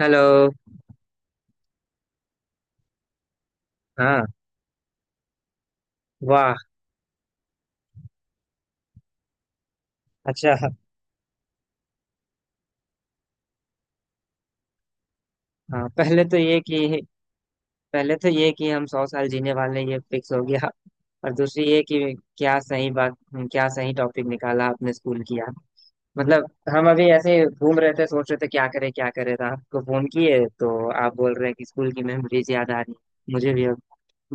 Hello. हाँ। वाह। अच्छा। हाँ। पहले तो ये कि हम 100 साल जीने वाले हैं, ये फिक्स हो गया। और दूसरी ये कि। क्या सही बात। क्या सही टॉपिक निकाला आपने। स्कूल किया मतलब। हम अभी ऐसे घूम रहे थे, सोच रहे थे क्या करें क्या करें, तो आपको फोन किए तो। आप बोल रहे हैं कि स्कूल की मेमोरीज याद आ रही है। मुझे भी अब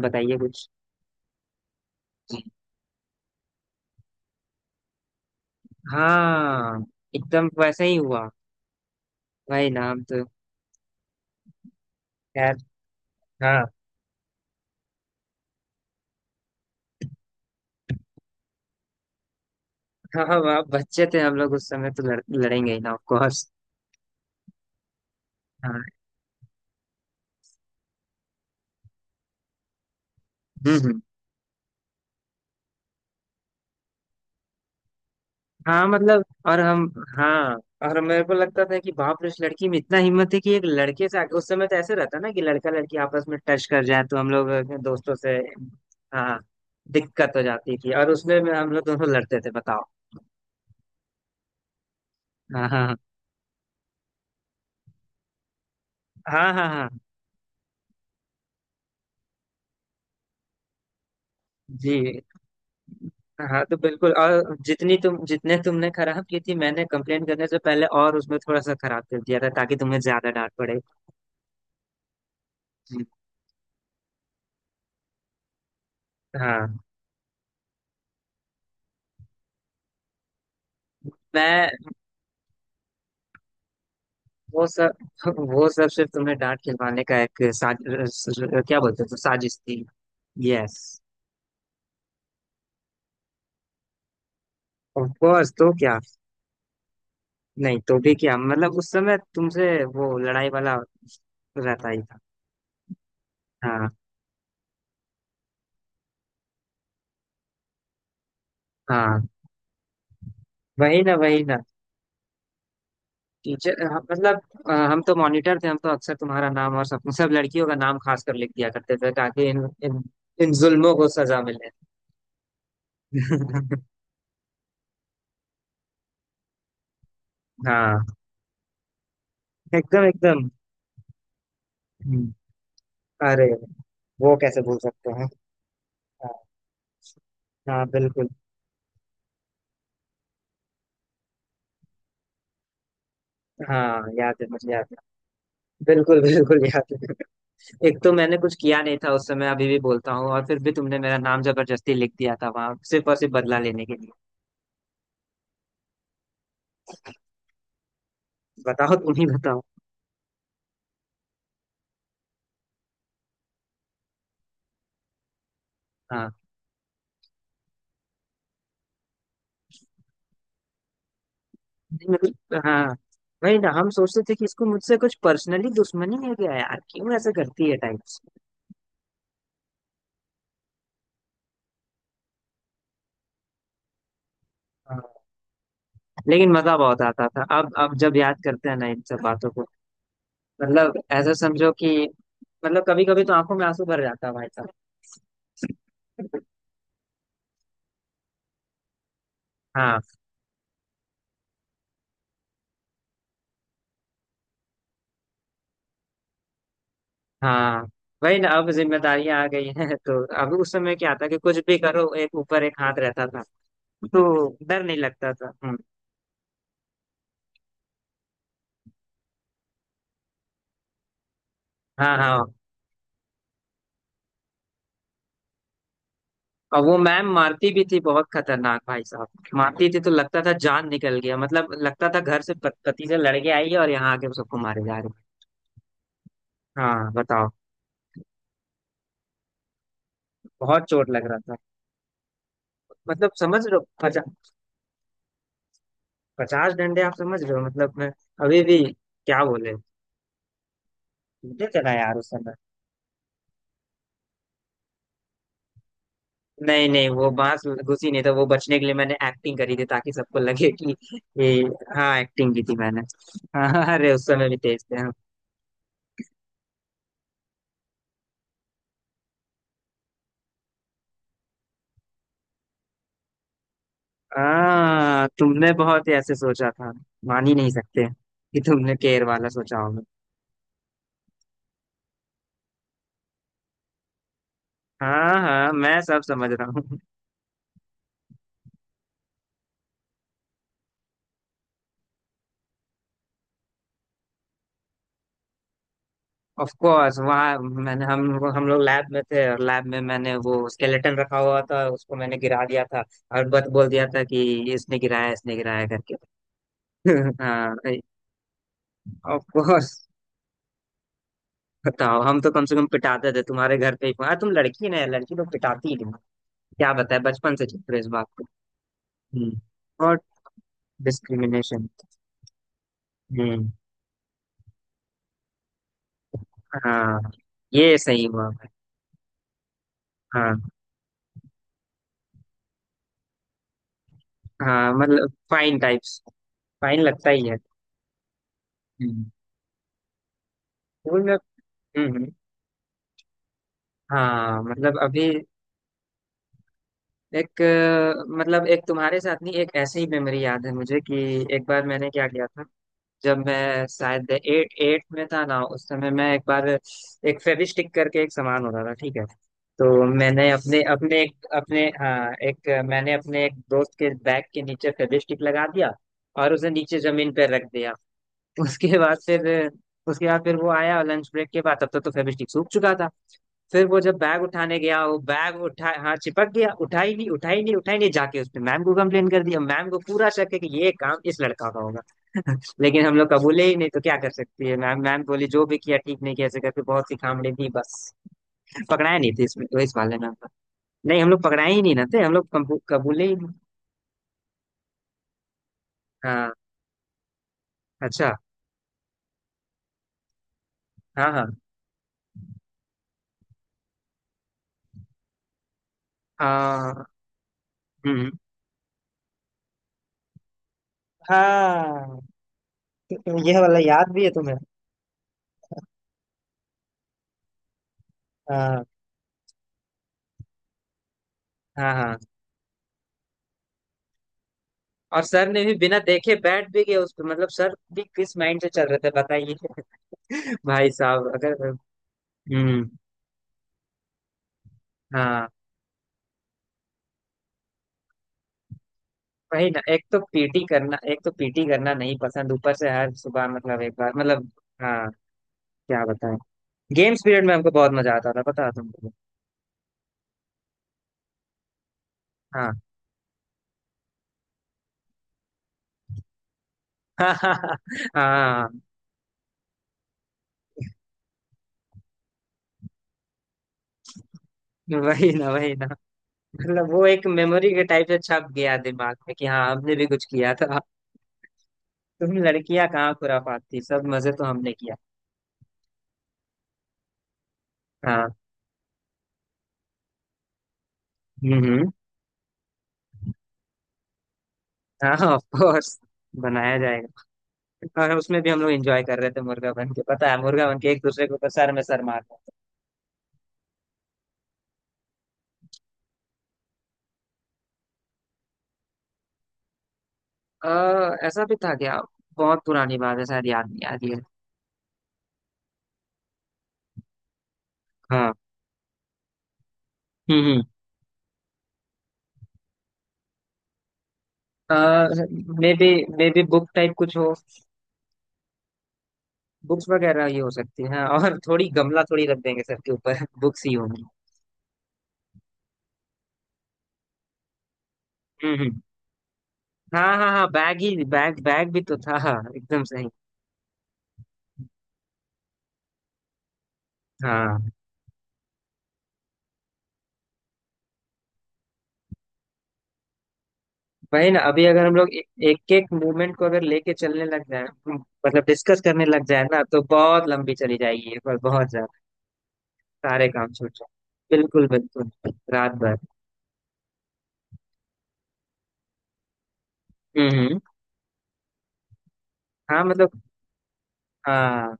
बताइए कुछ। हाँ, एकदम वैसे ही हुआ। वही ना, हम तो। खैर। हाँ, हाँ। हम आप बच्चे थे, हम लोग उस समय तो लड़ेंगे ही ना, ऑफ कोर्स। हम्म, हाँ मतलब। और हम। हाँ। और मेरे को लगता था कि बाप रे, उस लड़की में इतना हिम्मत है कि एक लड़के से आके, उस समय तो ऐसे रहता ना कि लड़का लड़की आपस में टच कर जाए, तो हम लोग अपने दोस्तों से। हाँ। दिक्कत हो जाती थी, और उसमें में हम लोग दोनों लड़ते थे, बताओ। हाँ, हाँ, हाँ, हाँ, हाँ, हाँ। जी। हाँ तो बिल्कुल। और जितनी तुम जितने तुमने खराब की थी मैंने कंप्लेन करने से पहले, और उसमें थोड़ा सा खराब कर दिया था ताकि तुम्हें ज्यादा डांट पड़े। हाँ। मैं। वो सब वो सब सिर्फ तुम्हें डांट खिलवाने का एक साज। क्या बोलते हो, साजिश थी। यस। ऑफ कोर्स, तो क्या। नहीं तो भी क्या मतलब, उस समय तुमसे वो लड़ाई वाला रहता ही था। हाँ, हाँ। वही ना, वही ना। टीचर मतलब। हम तो मॉनिटर थे, हम तो अक्सर तुम्हारा नाम और सब सब लड़कियों का नाम खास कर लिख दिया करते थे, ताकि इन इन इन जुल्मों को सजा मिले। हाँ, एकदम एकदम। हम्म, अरे वो कैसे भूल सकते हैं। हाँ। हाँ, बिल्कुल। हाँ, याद है, मुझे याद है, बिल्कुल बिल्कुल याद है। एक तो मैंने कुछ किया नहीं था उस समय, अभी भी बोलता हूँ, और फिर भी तुमने मेरा नाम जबरदस्ती लिख दिया था वहां, सिर्फ और सिर्फ बदला लेने के लिए। बताओ, तुम ही बताओ। हाँ। नहीं, मतलब हाँ। वही ना, हम सोचते थे कि इसको मुझसे कुछ पर्सनली दुश्मनी है क्या यार, क्यों ऐसा करती है टाइप से। हाँ, लेकिन मजा बहुत आता था, अब जब याद करते हैं ना इन सब बातों को। मतलब ऐसा समझो कि, मतलब कभी कभी तो आंखों में आंसू भर जाता है भाई साहब। हाँ, हाँ। वही ना, अब जिम्मेदारियां आ गई हैं, तो अब, उस समय क्या था कि कुछ भी करो एक ऊपर एक हाथ रहता था। तो डर नहीं लगता था। हाँ, हाँ। और वो मैम मारती भी थी, बहुत खतरनाक भाई साहब। मारती थी तो लगता था जान निकल गया, मतलब लगता था घर से पति से लड़ के आई है और यहाँ आके सबको मारे जा रही है। हाँ, बताओ। बहुत चोट लग रहा था। मतलब समझ रहे हो, 50 डंडे आप समझ रहे हो मतलब, मैं। अभी भी, क्या बोले। मुझे चला यार उस समय। नहीं, नहीं, वो बांस घुसी नहीं था, वो बचने के लिए मैंने एक्टिंग करी थी ताकि सबको लगे कि ये। हाँ, एक्टिंग की थी मैंने। हाँ, अरे उस समय भी तेज थे हम। हाँ, तुमने बहुत ही ऐसे सोचा था, मान ही नहीं सकते कि तुमने केयर वाला सोचा होगा। हाँ, हाँ, मैं सब समझ रहा हूँ। ऑफ कोर्स, वहाँ मैंने, हम लोग लैब में थे, और लैब में मैंने वो स्केलेटन रखा हुआ था, उसको मैंने गिरा दिया था। और बत बोल दिया था कि इसने गिराया, इसने गिराया करके। हाँ, ऑफ कोर्स। बताओ, हम तो कम से कम पिटाते थे तुम्हारे घर पे ही, अरे तुम लड़की, ना लड़की तो पिटाती ही नहीं। क्या बताए, बचपन से चुप रहे इस बात को। हम्म, और। डिस्क्रिमिनेशन। हम्म, हाँ, ये सही हुआ भाई। हाँ, हाँ मतलब फाइन टाइप्स, फाइन लगता ही है। हम्म। स्कूल में। हम्म, हाँ मतलब अभी। एक, मतलब एक तुम्हारे साथ नहीं, एक ऐसी ही मेमोरी याद है मुझे कि, एक बार मैंने क्या किया था। जब मैं शायद एट एट में था ना, उस समय मैं एक बार, एक फेविस्टिक करके, एक सामान होता था ठीक है। तो मैंने अपने अपने, एक अपने, हाँ, एक मैंने अपने एक दोस्त के बैग के नीचे फेविस्टिक लगा दिया, और उसे नीचे जमीन पर रख दिया। उसके बाद फिर उसके बाद फिर वो आया लंच ब्रेक के बाद, तब तक तो फेविस्टिक सूख चुका था। फिर वो जब बैग उठाने गया, वो बैग उठा, हाँ, चिपक गया, उठा ही नहीं, उठा ही नहीं, उठा ही नहीं, जाके उसने मैम को कंप्लेन कर दिया। मैम को पूरा शक है कि ये काम इस लड़का का होगा। लेकिन हम लोग कबूले ही नहीं, तो क्या कर सकती है मैम। मैम बोली जो भी किया ठीक नहीं किया, ऐसे करके बहुत सी खामड़ी दी बस। पकड़ाया नहीं थे इसमें, तो इस वाले में हमको। नहीं, हम लोग पकड़ाए ही नहीं ना थे, हम लोग कबूले ही नहीं। हाँ। अच्छा। हाँ, हाँ, हाँ। हम्म। हाँ, तो यह वाला याद भी है तुम्हें। हाँ, हाँ, हाँ। और सर ने भी बिना देखे बैठ भी गए उस पे, मतलब सर भी किस माइंड से चल रहे थे बताइए। भाई साहब, अगर। हम्म। हाँ, वही ना, एक तो पीटी करना नहीं पसंद, ऊपर से हर सुबह, मतलब एक बार मतलब। हाँ, क्या बताएं। गेम्स पीरियड में हमको बहुत मजा आता था, पता है तुमको। हाँ। हाँ, वही ना, वही ना। मतलब वो एक मेमोरी के टाइप से छप गया दिमाग में कि हाँ, हमने भी कुछ किया था। तुम लड़कियां कहाँ खुराफात थी, सब मजे तो हमने किया। हाँ। हम्म, हाँ, ऑफ कोर्स। बनाया जाएगा। और उसमें भी हम लोग एंजॉय कर रहे थे मुर्गा बन के, पता है मुर्गा बन के एक दूसरे के ऊपर सर में सर मार। ऐसा भी था क्या। बहुत पुरानी बात है, शायद याद नहीं आ रही है। हाँ। हम्म, हम्म, मे बी बुक टाइप कुछ हो। बुक्स वगैरह ही हो सकती है, और थोड़ी गमला थोड़ी रख देंगे सर के ऊपर, बुक्स ही होंगी। हम्म, हाँ, हाँ, हाँ, बैग ही बैग, बैग भी तो था हाँ, एकदम सही। हाँ, वही ना। अभी अगर हम लोग एक एक मूवमेंट को अगर लेके चलने लग जाए, मतलब डिस्कस करने लग जाए ना, तो बहुत लंबी चली जाएगी ये, पर बहुत ज्यादा। सारे काम छूट जाए, बिल्कुल बिल्कुल। रात भर। हम्म, हम्म। हाँ मतलब। हाँ,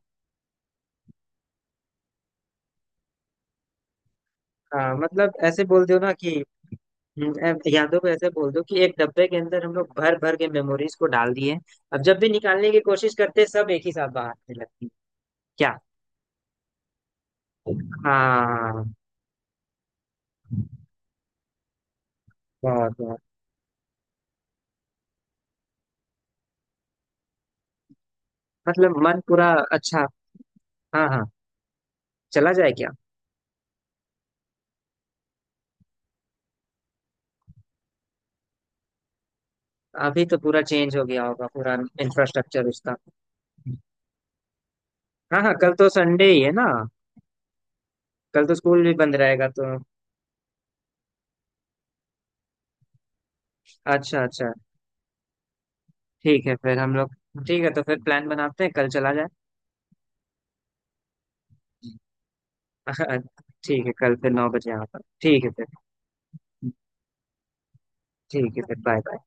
हाँ, मतलब ऐसे बोल दो ना कि। यादों को ऐसे बोल दो कि, एक डब्बे के अंदर हम लोग भर भर के मेमोरीज को डाल दिए। अब जब भी निकालने की कोशिश करते, सब एक ही साथ बाहर आने लगती। क्या। हाँ। बहुत, बहुत। मतलब मन पूरा अच्छा। हाँ, हाँ, चला जाए क्या। अभी तो पूरा चेंज हो गया होगा, पूरा इंफ्रास्ट्रक्चर उसका। हाँ, हाँ, कल तो संडे ही है ना। कल तो स्कूल भी बंद रहेगा तो। अच्छा, अच्छा। ठीक है फिर हम लोग। ठीक है, तो फिर प्लान बनाते हैं, कल चला जाए। हाँ, ठीक है, कल फिर 9 बजे यहाँ पर, ठीक है फिर। ठीक है फिर बाय।